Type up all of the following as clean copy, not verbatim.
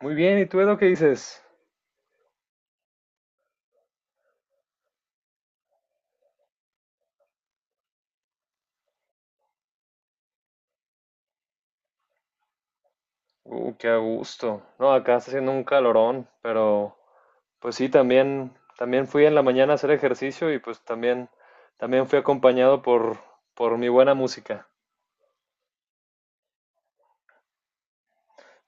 Muy bien, ¿y tú, Edo, qué dices? Qué a gusto. No, acá está haciendo un calorón, pero pues sí, también fui en la mañana a hacer ejercicio y pues también fui acompañado por mi buena música.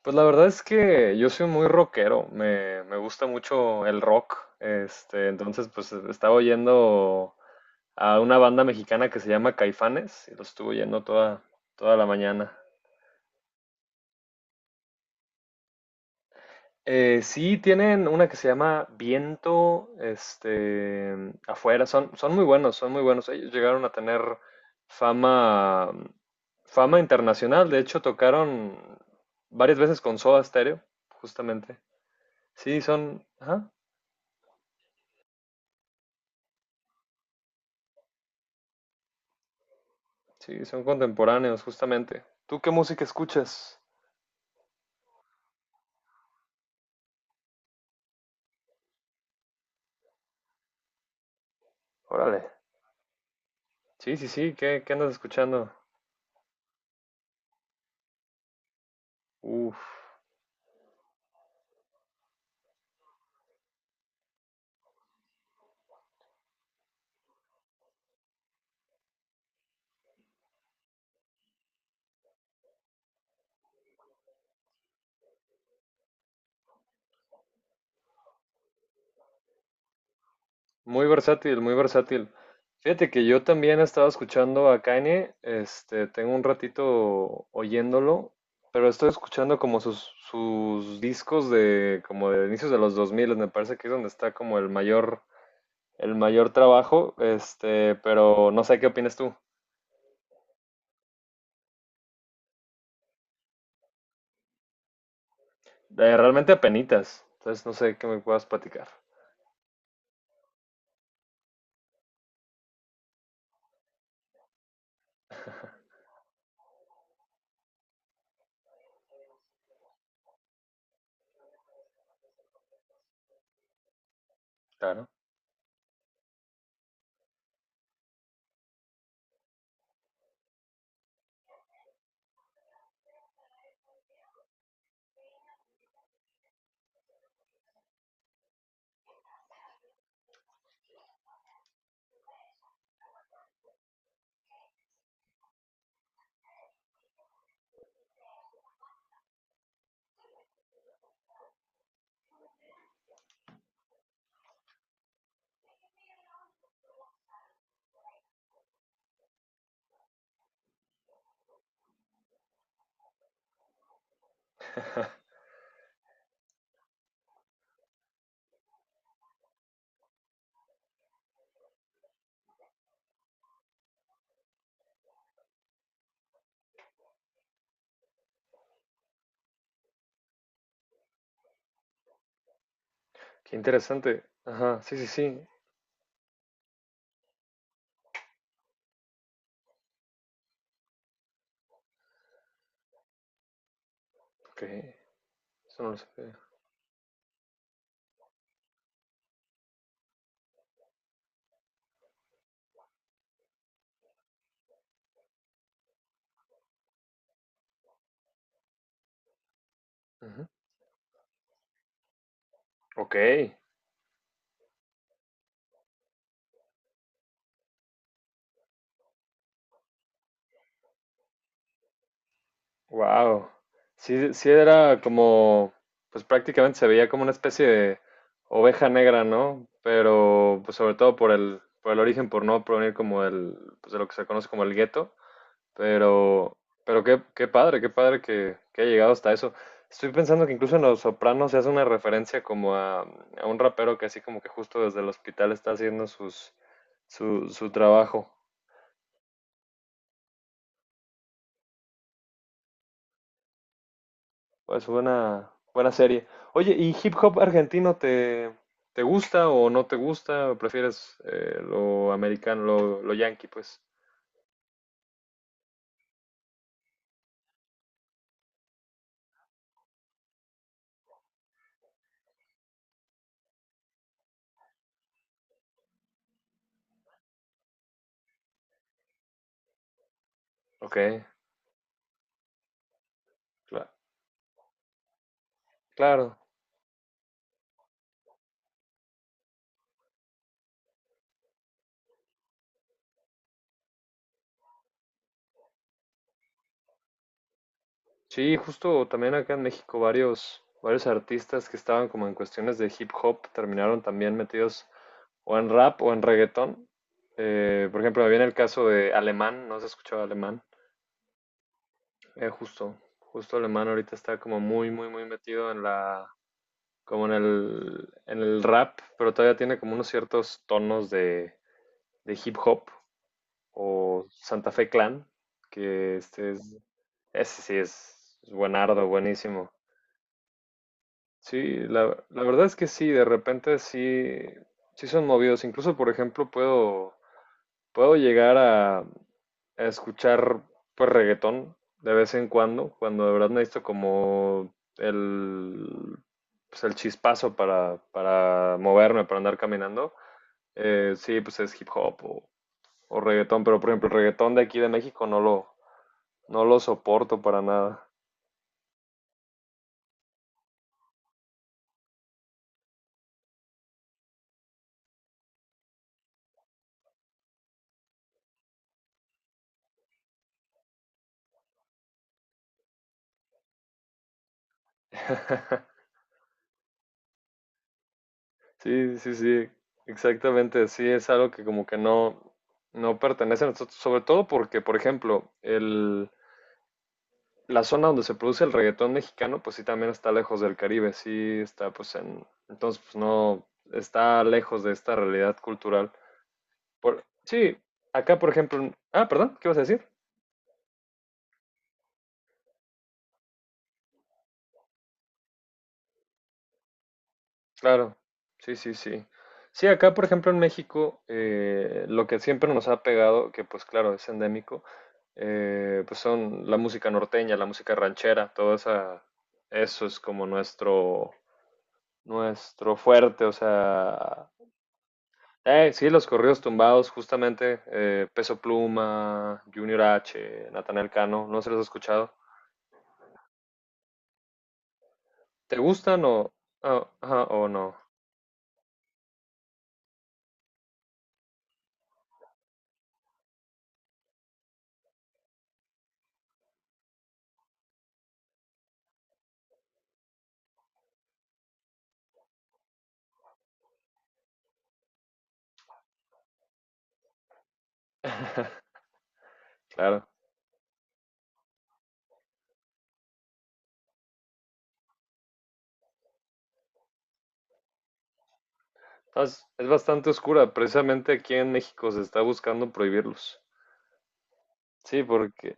Pues la verdad es que yo soy muy rockero, me gusta mucho el rock, este, entonces pues estaba oyendo a una banda mexicana que se llama Caifanes y lo estuve oyendo toda la mañana. Sí, tienen una que se llama Viento, este, afuera, son muy buenos, son muy buenos. Ellos llegaron a tener fama, fama internacional, de hecho tocaron varias veces con Soda Stereo, justamente. Sí, son, ajá, sí, son contemporáneos, justamente. ¿Tú qué música escuchas? Órale. Sí, sí, sí, ¿qué andas escuchando? Uf. Muy versátil, muy versátil. Fíjate que yo también he estado escuchando a Kanye, este, tengo un ratito oyéndolo, pero estoy escuchando como sus discos de como de inicios de los 2000 me parece que es donde está como el mayor trabajo, este, pero no sé qué opinas tú. Realmente apenitas, entonces no sé qué me puedas platicar. Claro. Qué interesante. Ajá, sí, sí, sí. Ok, eso no lo sabía. Ujú. Ok. Wow. Sí, sí era como, pues prácticamente se veía como una especie de oveja negra, ¿no? Pero pues sobre todo por el origen, por no provenir como el, pues de lo que se conoce como el gueto. Pero, pero qué, qué padre, que haya llegado hasta eso. Estoy pensando que incluso en Los Sopranos se hace una referencia como a un rapero que así como que justo desde el hospital está haciendo su trabajo. Pues buena, buena serie. Oye, ¿y hip hop argentino te, te gusta o no te gusta? ¿O prefieres lo americano, lo yankee, pues? Ok, cla- claro. Sí, justo también acá en México varios artistas que estaban como en cuestiones de hip hop terminaron también metidos o en rap o en reggaetón. Por ejemplo, me viene el caso de Alemán, no se escuchaba Alemán. Eh, justo, justo Alemán ahorita está como muy metido en la como en el rap, pero todavía tiene como unos ciertos tonos de hip hop o Santa Fe Clan, que este es, ese sí es, buenardo, buenísimo. Sí, la verdad es que sí, de repente sí, sí son movidos. Incluso, por ejemplo, Puedo llegar a escuchar pues reggaetón de vez en cuando, cuando de verdad necesito como el, pues, el chispazo para moverme, para andar caminando. Sí, pues es hip hop o reggaetón, pero por ejemplo, el reggaetón de aquí de México no lo soporto para nada. Sí, sí, sí, exactamente, sí, es algo que como que no, no pertenece a nosotros, sobre todo porque, por ejemplo, el, la zona donde se produce el reggaetón mexicano, pues sí también está lejos del Caribe, sí está pues en, entonces pues no, está lejos de esta realidad cultural. Por, sí, acá por ejemplo, ah, perdón, ¿qué ibas a decir? Claro, sí, sí, sí. Sí, acá por ejemplo en México, lo que siempre nos ha pegado, que pues claro, es endémico, pues son la música norteña, la música ranchera, todo esa, eso es como nuestro fuerte, o sea, sí, los corridos tumbados, justamente, Peso Pluma, Junior H, Natanael Cano, no se los he escuchado. ¿Te gustan ah, ajá, o no? Claro. Entonces, es bastante oscura, precisamente aquí en México se está buscando prohibirlos. Sí, porque...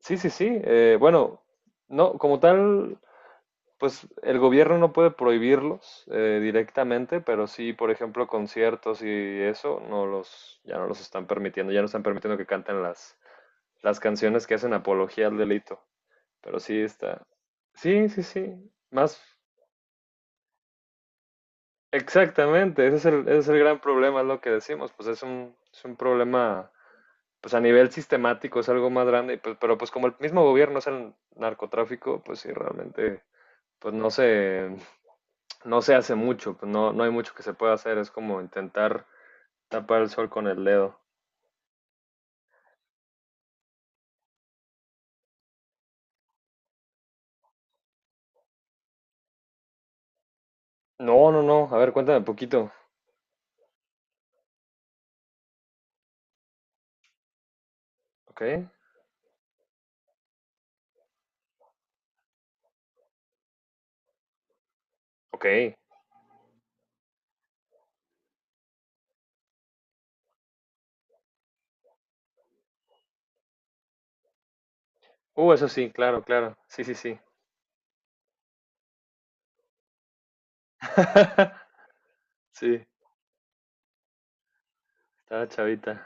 Sí, sí, sí. Bueno, no, como tal, pues el gobierno no puede prohibirlos directamente, pero sí, por ejemplo, conciertos y eso, ya no los están permitiendo, ya no están permitiendo que canten las canciones que hacen apología al delito. Pero sí está. Sí, sí, sí. Más exactamente. Ese es el gran problema, es lo que decimos. Es un problema, pues a nivel sistemático es algo más grande. Pero pues como el mismo gobierno es el narcotráfico, pues sí, realmente, pues no se, no se hace mucho. Pues no, no hay mucho que se pueda hacer. Es como intentar tapar el sol con el dedo. No, no, no. A ver, cuéntame un poquito. Ok, ok. Eso sí, claro, claro. Sí, sí, sí. Sí, estaba chavita.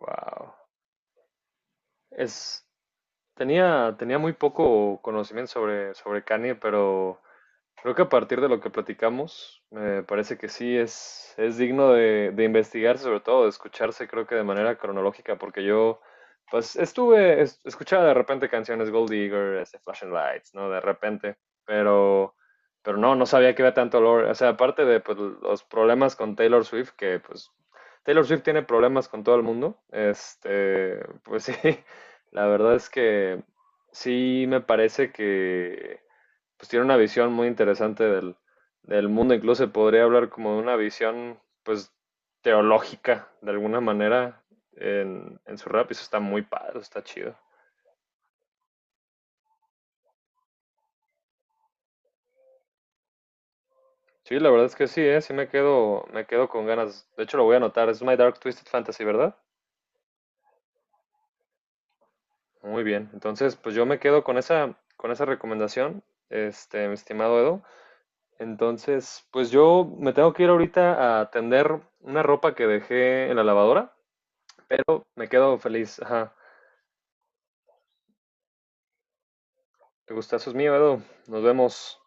Wow. Es, tenía, tenía muy poco conocimiento sobre Kanye, pero creo que a partir de lo que platicamos, me parece que sí es digno de investigarse, sobre todo de escucharse, creo que de manera cronológica, porque yo, pues, escuchaba de repente canciones Gold Digger, este, Flashing Lights, ¿no? De repente, pero, pero no, no sabía que había tanto olor. O sea, aparte de, pues, los problemas con Taylor Swift, que, pues, Taylor Swift tiene problemas con todo el mundo, este, pues sí, la verdad es que sí me parece que pues tiene una visión muy interesante del mundo, incluso se podría hablar como de una visión pues teológica de alguna manera en su rap y eso está muy padre, eso está chido. Sí, la verdad es que sí, ¿eh? Sí me quedo con ganas. De hecho, lo voy a anotar. Es My Dark Twisted Fantasy, ¿verdad? Muy bien. Entonces, pues yo me quedo con esa recomendación, este, mi estimado Edo. Entonces, pues yo me tengo que ir ahorita a tender una ropa que dejé en la lavadora, pero me quedo feliz. Ajá. Te Gustazos mío, Edu. Nos vemos.